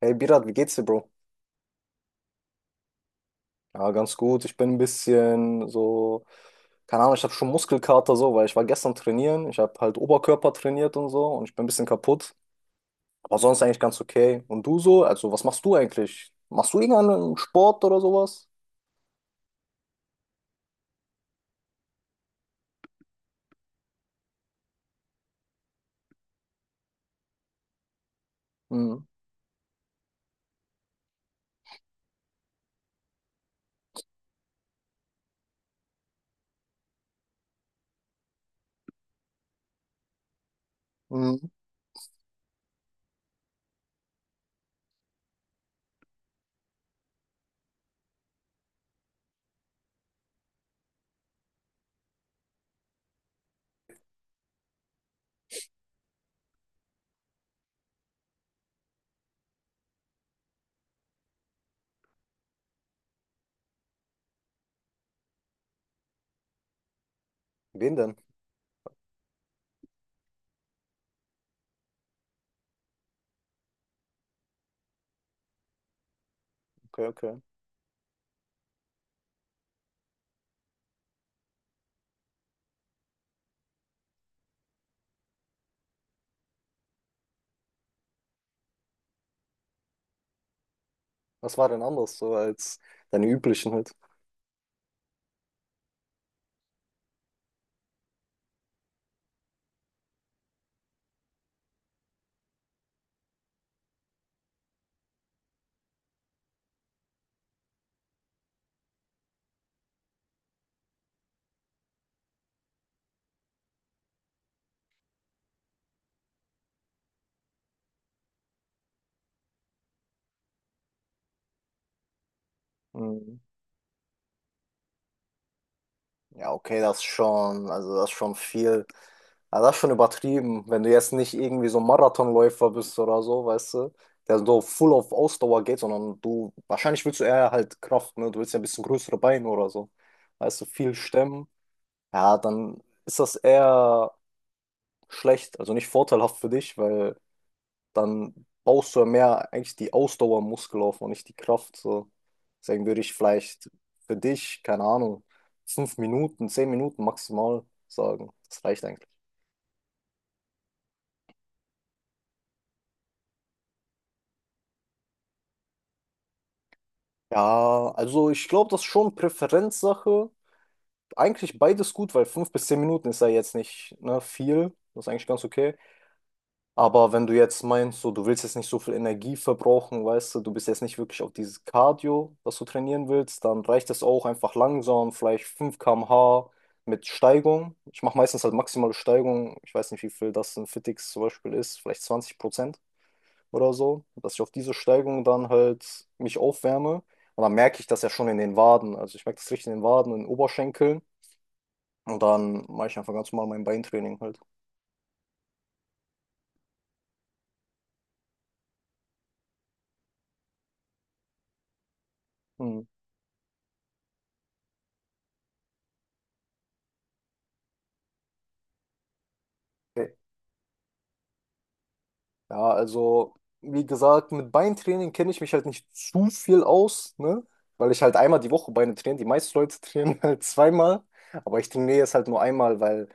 Hey Birat, wie geht's dir, Bro? Ja, ganz gut. Ich bin ein bisschen so, keine Ahnung, ich habe schon Muskelkater so, weil ich war gestern trainieren. Ich habe halt Oberkörper trainiert und so und ich bin ein bisschen kaputt. Aber sonst eigentlich ganz okay. Und du so? Also, was machst du eigentlich? Machst du irgendeinen Sport oder sowas? Mhm. Mhm. Wen denn? Okay, okay. Was war denn anders so als deine üblichen halt? Mhm. Ja, okay, das ist schon, also das ist schon viel, also das ist schon übertrieben. Wenn du jetzt nicht irgendwie so ein Marathonläufer bist oder so, weißt du, der so full auf Ausdauer geht, sondern du, wahrscheinlich willst du eher halt Kraft, ne? Du willst ja ein bisschen größere Beine oder so. Weißt du, viel stemmen, ja, dann ist das eher schlecht, also nicht vorteilhaft für dich, weil dann baust du ja mehr eigentlich die Ausdauermuskel auf und nicht die Kraft. So. Deswegen würde ich vielleicht für dich, keine Ahnung, 5 Minuten, 10 Minuten maximal sagen. Das reicht eigentlich. Ja, also ich glaube, das ist schon Präferenzsache. Eigentlich beides gut, weil 5 bis 10 Minuten ist ja jetzt nicht, ne, viel. Das ist eigentlich ganz okay. Aber wenn du jetzt meinst, so, du willst jetzt nicht so viel Energie verbrauchen, weißt du, du bist jetzt nicht wirklich auf dieses Cardio, was du trainieren willst, dann reicht es auch einfach langsam, vielleicht 5 km/h mit Steigung. Ich mache meistens halt maximale Steigung. Ich weiß nicht, wie viel das in Fitx zum Beispiel ist, vielleicht 20% oder so, dass ich auf diese Steigung dann halt mich aufwärme. Und dann merke ich das ja schon in den Waden. Also ich merke das richtig in den Waden, in den Oberschenkeln. Und dann mache ich einfach ganz normal mein Beintraining halt. Hm. Ja, also, wie gesagt, mit Beintraining kenne ich mich halt nicht zu viel aus, ne? Weil ich halt einmal die Woche Beine trainiere. Die meisten Leute trainieren halt zweimal, aber ich trainiere jetzt halt nur einmal, weil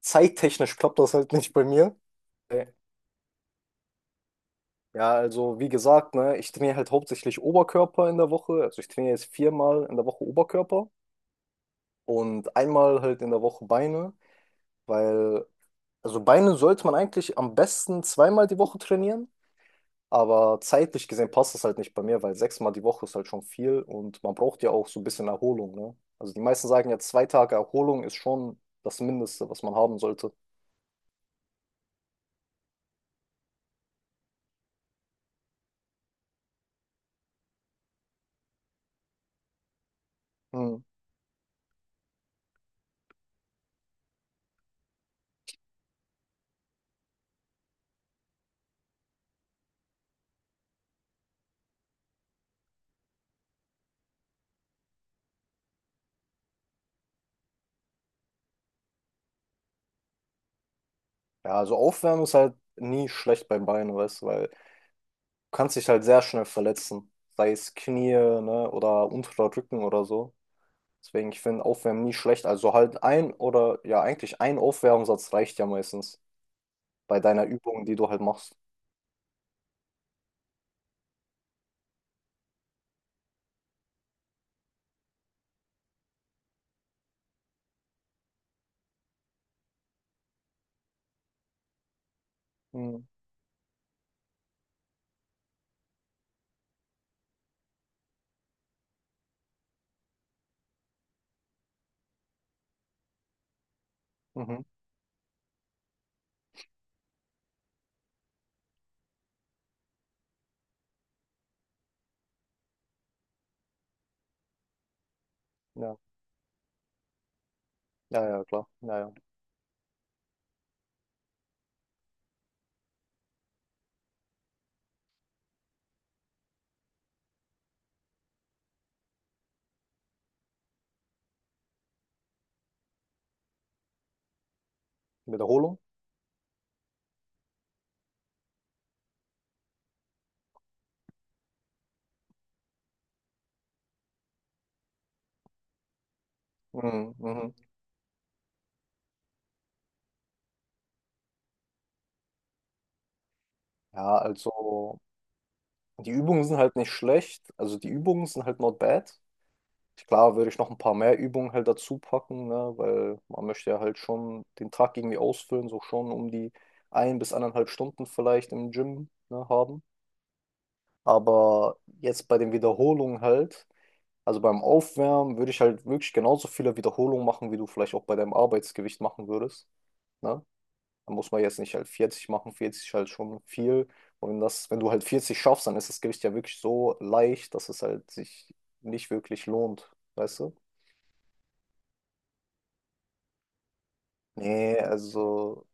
zeittechnisch klappt das halt nicht bei mir. Äh, Ja, also wie gesagt, ne, ich trainiere halt hauptsächlich Oberkörper in der Woche. Also ich trainiere jetzt viermal in der Woche Oberkörper und einmal halt in der Woche Beine, weil, also Beine sollte man eigentlich am besten zweimal die Woche trainieren. Aber zeitlich gesehen passt das halt nicht bei mir, weil sechsmal die Woche ist halt schon viel und man braucht ja auch so ein bisschen Erholung, ne? Also die meisten sagen ja, 2 Tage Erholung ist schon das Mindeste, was man haben sollte. Hm. Ja, also Aufwärmen ist halt nie schlecht beim Bein, weißt du, weil du kannst dich halt sehr schnell verletzen. Sei es Knie, ne, oder unterer Rücken oder so. Deswegen, ich finde Aufwärmen nie schlecht. Also halt ein oder ja, eigentlich ein Aufwärmsatz reicht ja meistens bei deiner Übung, die du halt machst. Hm. Mhm. Ja. Ja, ja, klar. Ja, ja. Wiederholung. Mhm, mhm. Ja, also die Übungen sind halt nicht schlecht. Also die Übungen sind halt not bad. Klar würde ich noch ein paar mehr Übungen halt dazu packen, ne? Weil man möchte ja halt schon den Tag irgendwie ausfüllen, so schon um die ein bis anderthalb Stunden vielleicht im Gym, ne, haben. Aber jetzt bei den Wiederholungen halt, also beim Aufwärmen würde ich halt wirklich genauso viele Wiederholungen machen, wie du vielleicht auch bei deinem Arbeitsgewicht machen würdest. Ne? Da muss man jetzt nicht halt 40 machen, 40 ist halt schon viel. Und wenn das, wenn du halt 40 schaffst, dann ist das Gewicht ja wirklich so leicht, dass es halt sich nicht wirklich lohnt, weißt du? Nee, also,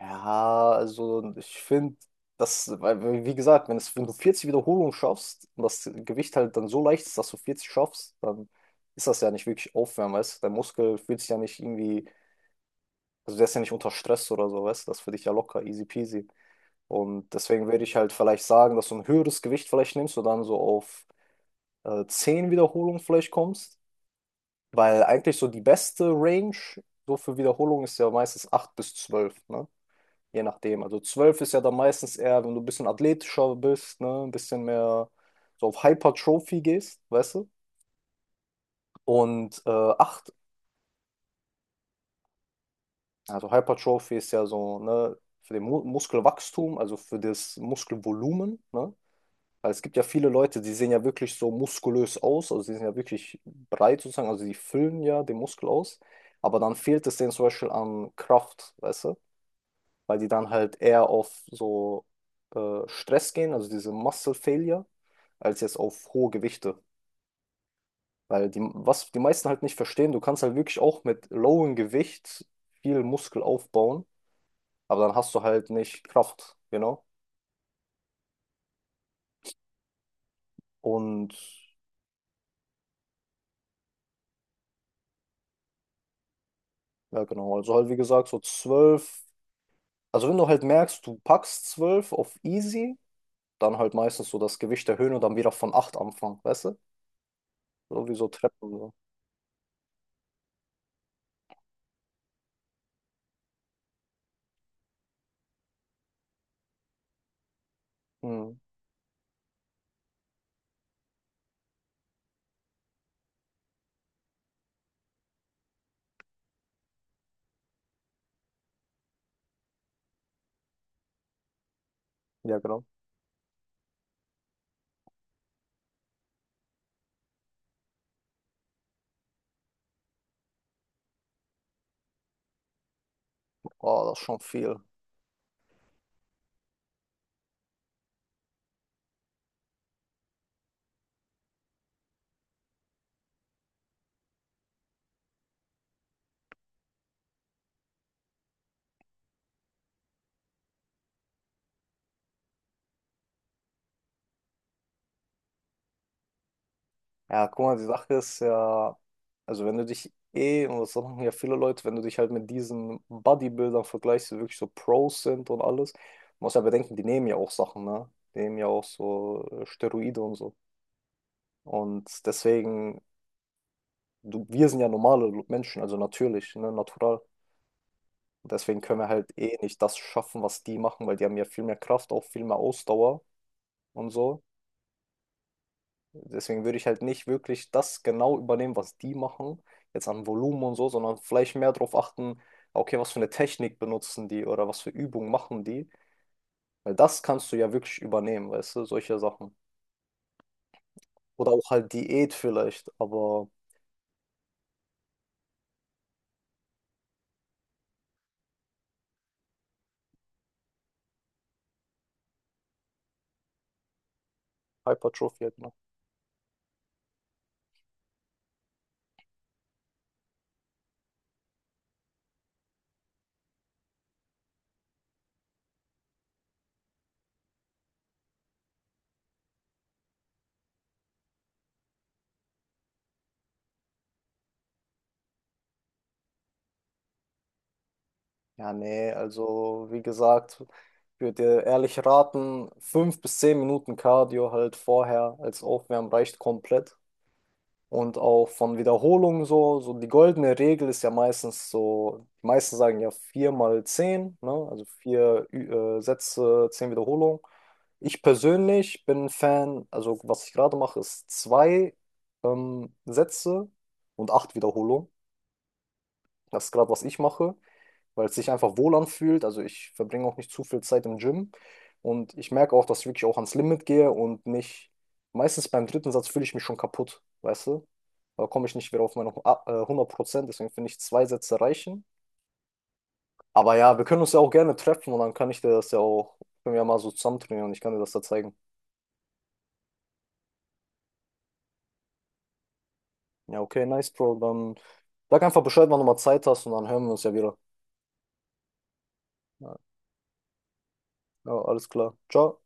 ja, also ich finde, das, weil, wie gesagt, wenn es, wenn du 40 Wiederholungen schaffst und das Gewicht halt dann so leicht ist, dass du 40 schaffst, dann ist das ja nicht wirklich Aufwärmen, weißt du? Dein Muskel fühlt sich ja nicht irgendwie, also der ist ja nicht unter Stress oder so, weißt du? Das ist für dich ja locker, easy peasy. Und deswegen würde ich halt vielleicht sagen, dass du ein höheres Gewicht vielleicht nimmst und dann so auf 10 Wiederholungen vielleicht kommst. Weil eigentlich so die beste Range so für Wiederholungen ist ja meistens 8 bis 12, ne? Je nachdem. Also 12 ist ja dann meistens eher, wenn du ein bisschen athletischer bist, ne? Ein bisschen mehr so auf Hypertrophie gehst, weißt du? Und 8, also Hypertrophie ist ja so, ne? Für den Mu Muskelwachstum, also für das Muskelvolumen, ne? Weil es gibt ja viele Leute, die sehen ja wirklich so muskulös aus, also sie sind ja wirklich breit sozusagen, also sie füllen ja den Muskel aus, aber dann fehlt es denen zum Beispiel an Kraft, weißt du, weil die dann halt eher auf so Stress gehen, also diese Muscle Failure, als jetzt auf hohe Gewichte. Weil die, was die meisten halt nicht verstehen, du kannst halt wirklich auch mit lowem Gewicht viel Muskel aufbauen, aber dann hast du halt nicht Kraft, genau. Und ja, genau, also halt wie gesagt, so 12. Also wenn du halt merkst, du packst 12 auf easy, dann halt meistens so das Gewicht erhöhen und dann wieder von 8 anfangen, weißt du? So wie so Treppen. So. Hm. Ja, genau. Oh, das ist schon viel. Ja, guck mal, die Sache ist ja, also wenn du dich eh, und das machen ja viele Leute, wenn du dich halt mit diesen Bodybuildern vergleichst, die wirklich so Pros sind und alles, musst ja bedenken, die nehmen ja auch Sachen, ne? Die nehmen ja auch so Steroide und so. Und deswegen, du, wir sind ja normale Menschen, also natürlich, ne, natural. Und deswegen können wir halt eh nicht das schaffen, was die machen, weil die haben ja viel mehr Kraft, auch viel mehr Ausdauer und so. Deswegen würde ich halt nicht wirklich das genau übernehmen, was die machen, jetzt an Volumen und so, sondern vielleicht mehr darauf achten, okay, was für eine Technik benutzen die oder was für Übungen machen die. Weil das kannst du ja wirklich übernehmen, weißt du, solche Sachen. Oder auch halt Diät vielleicht, aber Hypertrophie halt. Ja, nee, also wie gesagt, ich würde dir ehrlich raten, 5 bis 10 Minuten Cardio halt vorher als Aufwärmen reicht komplett. Und auch von Wiederholungen so, so die goldene Regel ist ja meistens so, die meisten sagen ja vier mal 10, ne? Also vier Sätze, 10 Wiederholungen. Ich persönlich bin ein Fan, also was ich gerade mache, ist zwei Sätze und acht Wiederholungen. Das ist gerade, was ich mache, weil es sich einfach wohl anfühlt. Also ich verbringe auch nicht zu viel Zeit im Gym und ich merke auch, dass ich wirklich auch ans Limit gehe und nicht, meistens beim dritten Satz fühle ich mich schon kaputt, weißt du? Da komme ich nicht wieder auf meine 100%, deswegen finde ich zwei Sätze reichen. Aber ja, wir können uns ja auch gerne treffen und dann kann ich dir das ja auch, können wir ja mal so zusammen trainieren und ich kann dir das da zeigen. Ja, okay, nice, Bro. Dann sag einfach Bescheid, wann du mal Zeit hast und dann hören wir uns ja wieder. Ja, ja, alles klar. Ciao.